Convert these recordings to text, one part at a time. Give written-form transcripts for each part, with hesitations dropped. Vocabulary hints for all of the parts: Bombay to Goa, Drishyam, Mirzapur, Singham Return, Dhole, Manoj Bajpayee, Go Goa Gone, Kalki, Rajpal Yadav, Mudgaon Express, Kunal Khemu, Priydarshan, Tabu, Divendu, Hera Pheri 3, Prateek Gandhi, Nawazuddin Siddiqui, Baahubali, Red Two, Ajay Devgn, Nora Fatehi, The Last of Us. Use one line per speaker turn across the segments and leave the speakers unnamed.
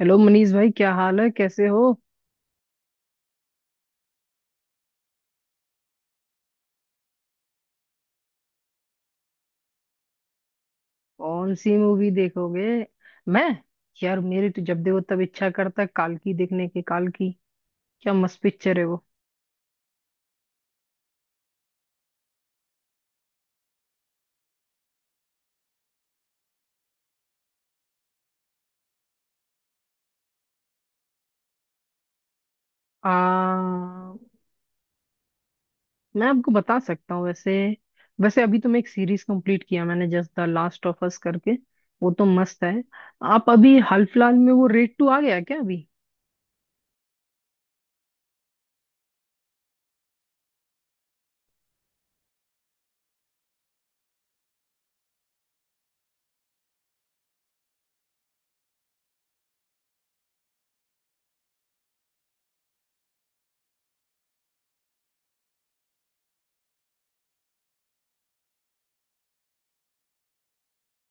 Hello Manish भाई, क्या हाल है? कैसे हो? कौन सी मूवी देखोगे? मैं? यार मेरी तो जब देखो तब इच्छा करता है काल्की देखने की। काल्की क्या मस्त पिक्चर है वो। आ मैं आपको बता सकता हूँ। वैसे वैसे अभी तो मैं एक सीरीज कंप्लीट किया मैंने, just the last of us करके। वो तो मस्त है। आप अभी हाल फिलहाल में, वो रेड टू आ गया क्या अभी?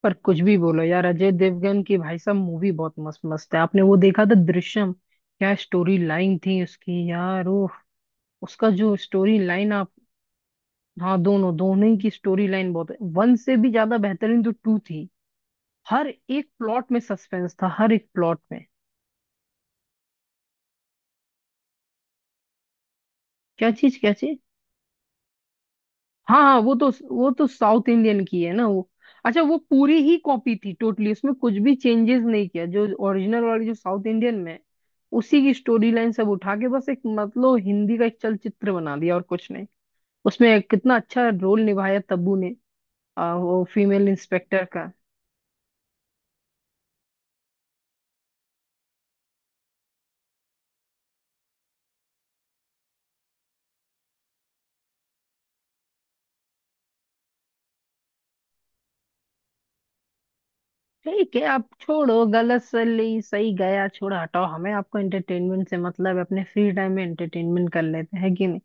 पर कुछ भी बोलो यार, अजय देवगन की भाई साहब मूवी बहुत मस्त मस्त है। आपने वो देखा था दृश्यम? क्या स्टोरी लाइन थी उसकी यार! ओ, उसका जो स्टोरी लाइन आप... हाँ, दोनों दोनों ही की स्टोरी लाइन बहुत है, वन से भी ज्यादा बेहतरीन तो टू थी। हर एक प्लॉट में सस्पेंस था, हर एक प्लॉट में। क्या चीज क्या चीज? हाँ हाँ, वो तो... वो तो साउथ इंडियन की है ना वो। अच्छा वो पूरी ही कॉपी थी, टोटली उसमें कुछ भी चेंजेस नहीं किया, जो ओरिजिनल वाली जो साउथ इंडियन में है, उसी की स्टोरी लाइन सब उठा के बस एक मतलब हिंदी का एक चलचित्र बना दिया और कुछ नहीं। उसमें कितना अच्छा रोल निभाया तब्बू ने! वो फीमेल इंस्पेक्टर का। ठीक है, आप छोड़ो, गलत सही सही गया, छोड़ो, हटाओ। हमें आपको एंटरटेनमेंट से मतलब है, अपने फ्री टाइम में एंटरटेनमेंट कर लेते हैं कि नहीं।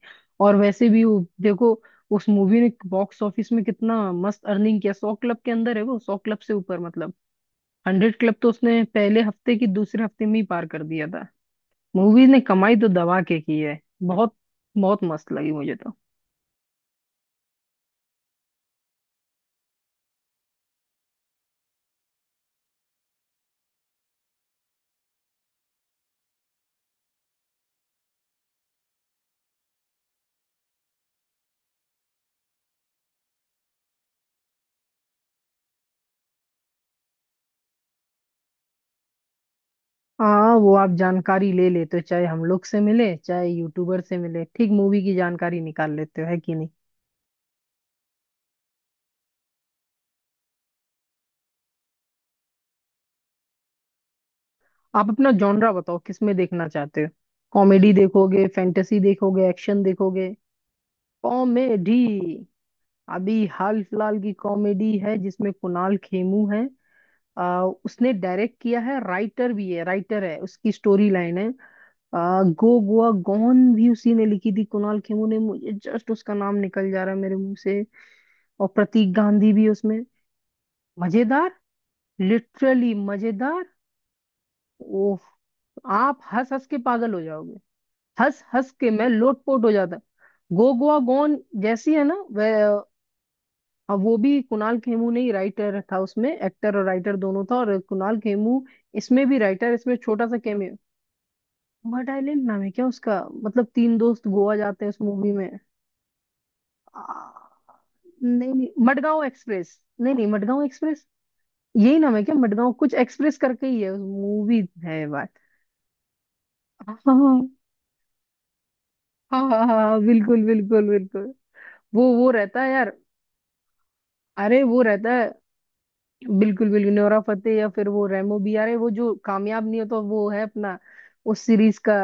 और वैसे भी वो देखो, उस मूवी ने बॉक्स ऑफिस में कितना मस्त अर्निंग किया। 100 क्लब के अंदर है वो, 100 क्लब से ऊपर मतलब। 100 क्लब तो उसने पहले हफ्ते की, दूसरे हफ्ते में ही पार कर दिया था। मूवी ने कमाई तो दबा के की है बहुत। बहुत मस्त लगी मुझे तो। हाँ वो आप जानकारी ले लेते हो, चाहे हम लोग से मिले चाहे यूट्यूबर से मिले, ठीक मूवी की जानकारी निकाल लेते हो, है कि नहीं। आप अपना जॉनरा बताओ, किस में देखना चाहते हो? कॉमेडी देखोगे, फैंटेसी देखोगे, एक्शन देखोगे? कॉमेडी? अभी हाल फिलहाल की कॉमेडी है जिसमें कुणाल खेमू है। उसने डायरेक्ट किया है, राइटर भी है, राइटर है, उसकी स्टोरी लाइन है। गो गोवा गॉन भी उसी ने लिखी थी, कुणाल खेमू ने। मुझे जस्ट उसका नाम निकल जा रहा है मेरे मुंह से, और प्रतीक गांधी भी उसमें। मजेदार, लिटरली मजेदार। ओह, आप हंस हंस के पागल हो जाओगे, हंस हंस के मैं लोटपोट हो जाता। गो गोवा गॉन जैसी है ना वह। अब वो भी कुणाल खेमू, नहीं राइटर था उसमें, एक्टर और राइटर दोनों था, और कुणाल खेमू इसमें भी राइटर, इसमें छोटा सा कैमियो। मड आइलैंड नाम है क्या उसका? मतलब तीन दोस्त गोवा जाते हैं उस मूवी में। आ, नहीं नहीं मडगांव एक्सप्रेस, नहीं नहीं मडगांव एक्सप्रेस। यही नाम है क्या? मडगांव कुछ एक्सप्रेस करके ही है मूवी, है बात? हाँ हाँ हाँ हाँ हाँ, बिल्कुल बिल्कुल बिल्कुल। वो रहता है यार। अरे वो रहता है। बिल्कुल बिल्कुल, नोरा फतेही, या फिर वो रेमो भी यार है, वो जो कामयाब नहीं होता वो है अपना, उस सीरीज का।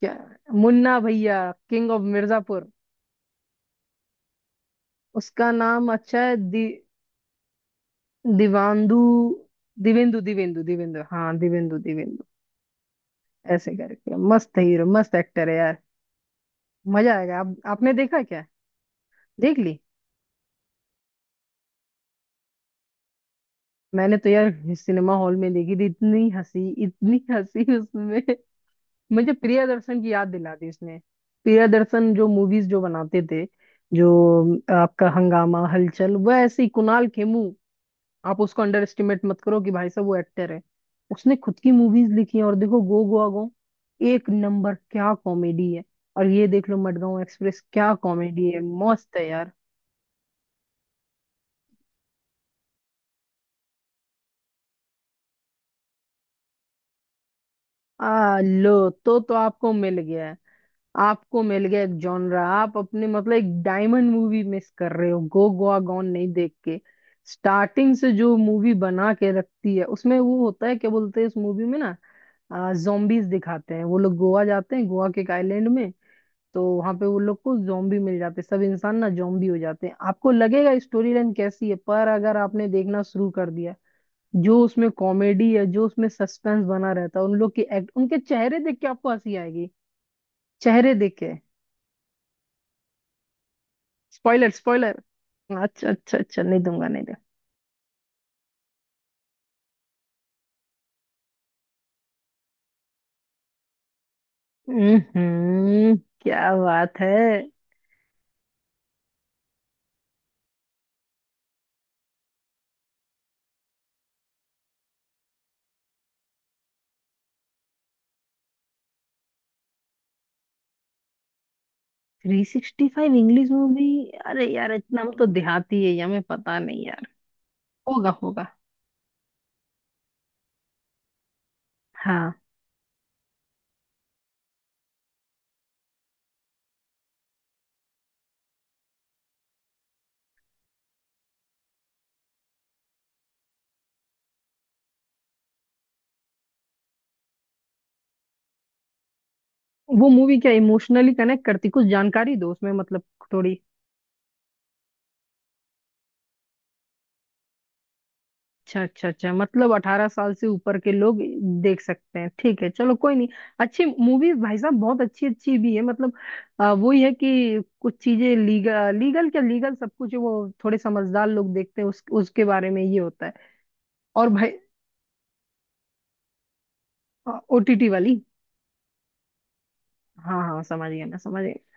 क्या? मुन्ना भैया, किंग ऑफ मिर्जापुर। उसका नाम अच्छा है, दि, दिवांदु, दिवेंदु दिवेंदु दिवेंदु, हाँ दिवेंदु दिवेंदु ऐसे करके। मस्त हीरो, मस्त एक्टर है यार। मजा आएगा। आप, आपने देखा क्या? देख ली? मैंने तो यार सिनेमा हॉल में देखी थी, इतनी हंसी उसमें। मुझे प्रियदर्शन की याद दिला दी इसने, प्रियदर्शन जो मूवीज जो बनाते थे, जो आपका हंगामा, हलचल, वह ऐसे ही कुणाल खेमू। आप उसको अंडर एस्टिमेट मत करो कि भाई साहब वो एक्टर है, उसने खुद की मूवीज लिखी हैं। और देखो गो गोवा गो, एक नंबर क्या कॉमेडी है। और ये देख लो मडगांव एक्सप्रेस, क्या कॉमेडी है, मस्त है यार। आ लो तो आपको मिल गया है। आपको मिल गया एक जॉनरा। आप अपने मतलब एक डायमंड मूवी मिस कर रहे हो गो गोआ गॉन नहीं देख के। स्टार्टिंग से जो मूवी बना के रखती है उसमें, वो होता है क्या बोलते हैं उस मूवी में ना, जोम्बीज दिखाते हैं। वो लोग गोवा जाते हैं, गोवा के एक आइलैंड में, तो वहां पे वो लोग को जोम्बी मिल जाते हैं। सब इंसान ना जोम्बी हो जाते हैं। आपको लगेगा स्टोरी लाइन कैसी है, पर अगर आपने देखना शुरू कर दिया, जो उसमें कॉमेडी है, जो उसमें सस्पेंस बना रहता है, उन लोग की एक्ट, उनके चेहरे देख के आपको हंसी आएगी, चेहरे देख के। Spoiler, spoiler? अच्छा अच्छा अच्छा, नहीं दूंगा नहीं दूंगा। हम्म। क्या बात है? 365 इंग्लिश मूवी? अरे यार, इतना हम तो देहाती है, हमें पता नहीं यार। होगा होगा, हाँ। वो मूवी क्या इमोशनली कनेक्ट करती, कुछ जानकारी दो उसमें, मतलब? थोड़ी? अच्छा अच्छा अच्छा, मतलब 18 साल से ऊपर के लोग देख सकते हैं, ठीक है चलो, कोई नहीं। अच्छी मूवी भाई साहब, बहुत अच्छी, अच्छी भी है मतलब। वो ही है कि कुछ चीजें लीगल लीगल क्या लीगल सब कुछ है, वो थोड़े समझदार लोग देखते हैं, उस, उसके बारे में ये होता है। और भाई? ओटीटी वाली। हाँ हाँ समझ गया, मैं समझ गया।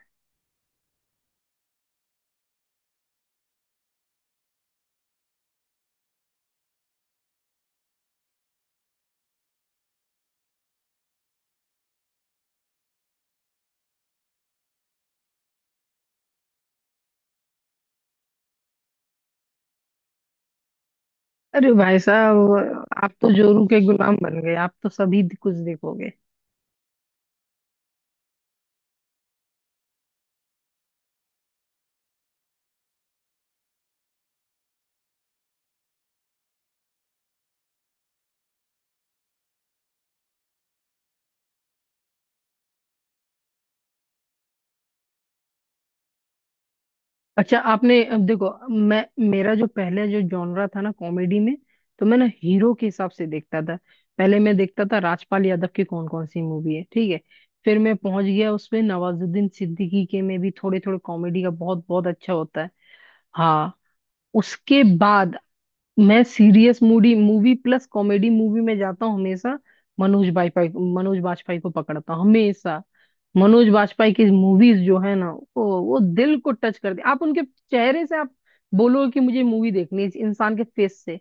अरे भाई साहब, आप तो जोरू के गुलाम बन गए, आप तो सभी कुछ देखोगे। अच्छा आपने अब देखो, मैं, मेरा जो पहले जो जॉनरा था ना कॉमेडी में, तो मैं ना हीरो के हिसाब से देखता था। पहले मैं देखता था राजपाल यादव की कौन कौन सी मूवी है, ठीक है। फिर मैं पहुंच गया उसमें नवाजुद्दीन सिद्दीकी के, में भी थोड़े थोड़े कॉमेडी का बहुत बहुत अच्छा होता है। हाँ, उसके बाद मैं serious moody movie plus comedy movie में जाता हूँ हमेशा। मनोज बाजपेयी, मनोज बाजपेयी को पकड़ता हूँ हमेशा। मनोज बाजपेयी की मूवीज जो है ना, वो दिल को टच करती। आप उनके चेहरे से आप बोलोगे कि मुझे मूवी देखनी है इस इंसान के फेस से।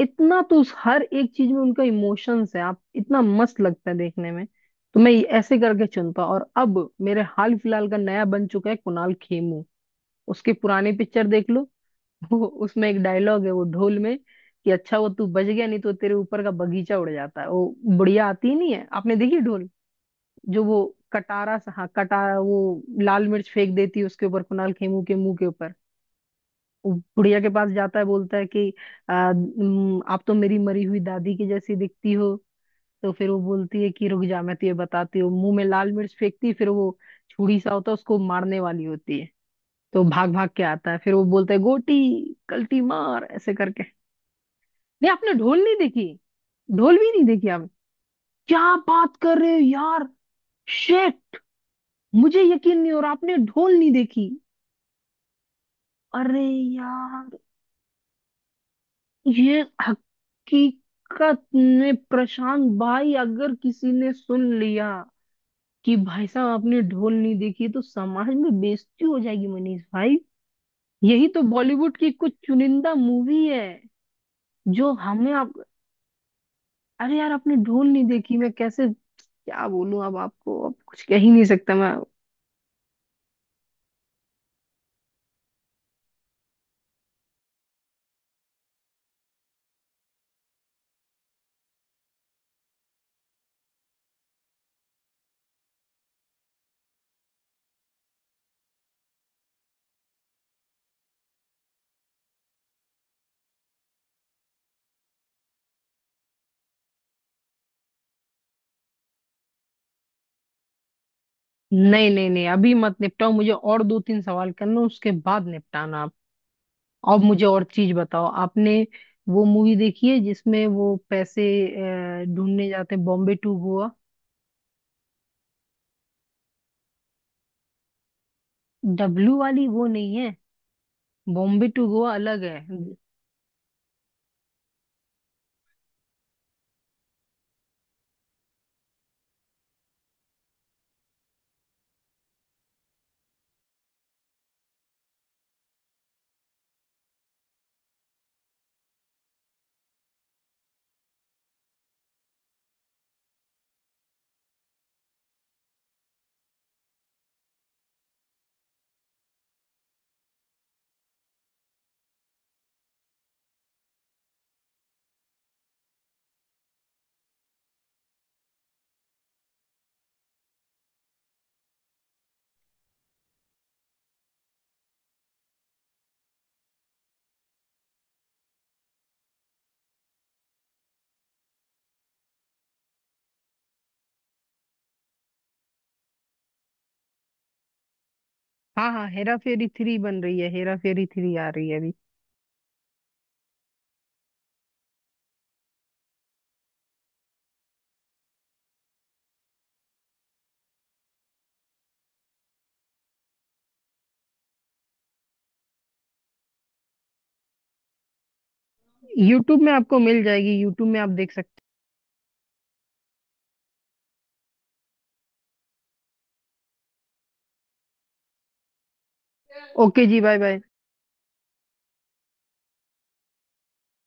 इतना तो उस हर एक चीज में उनका इमोशंस है, आप इतना मस्त लगता है देखने में। तो मैं ये ऐसे करके चुनता हूं। और अब मेरे हाल फिलहाल का नया बन चुका है कुणाल खेमू, उसके पुराने पिक्चर देख लो। वो उसमें एक डायलॉग है वो ढोल में, कि अच्छा वो तू बच गया, नहीं तो तेरे ऊपर का बगीचा उड़ जाता है, वो बुढ़िया आती ही नहीं है। आपने देखी ढोल? जो वो कटारा सा, हाँ कटारा, वो लाल मिर्च फेंक देती है उसके ऊपर, कुणाल खेमू के मुंह के ऊपर। वो बुढ़िया के पास जाता है, बोलता है कि आप तो मेरी मरी हुई दादी की जैसी दिखती हो।" तो फिर वो बोलती है कि रुक जा मैं तुझे बताती हूँ, मुंह में लाल मिर्च फेंकती है, फिर वो छुरी सा होता है, उसको मारने वाली होती है, तो भाग भाग के आता है, फिर वो बोलता है गोटी, कल्टी मार ऐसे करके। नहीं, आपने ढोल नहीं देखी? ढोल भी नहीं देखी आपने? क्या बात कर रहे हो यार? शेट, मुझे यकीन नहीं हो रहा आपने ढोल नहीं देखी। अरे यार, ये हकीकत में प्रशांत भाई, अगर किसी ने सुन लिया कि भाई साहब आपने ढोल नहीं देखी, तो समाज में बेइज्जती हो जाएगी मनीष भाई। यही तो बॉलीवुड की कुछ चुनिंदा मूवी है जो हमें आप... अरे यार आपने ढोल नहीं देखी, मैं कैसे क्या बोलूं अब आपको, अब कुछ कह ही नहीं सकता मैं। नहीं नहीं नहीं, अभी मत निपटाओ, मुझे और दो तीन सवाल करना, उसके बाद निपटाना आप। अब मुझे और चीज बताओ। आपने वो मूवी देखी है जिसमें वो पैसे ढूंढने जाते हैं, बॉम्बे टू गोवा? डब्लू वाली वो नहीं है, बॉम्बे टू गोवा अलग है। हाँ हाँ, हेरा फेरी 3 बन रही है, हेरा फेरी 3 आ रही है अभी। यूट्यूब में आपको मिल जाएगी, यूट्यूब में आप देख सकते हो। ओके जी, बाय बाय।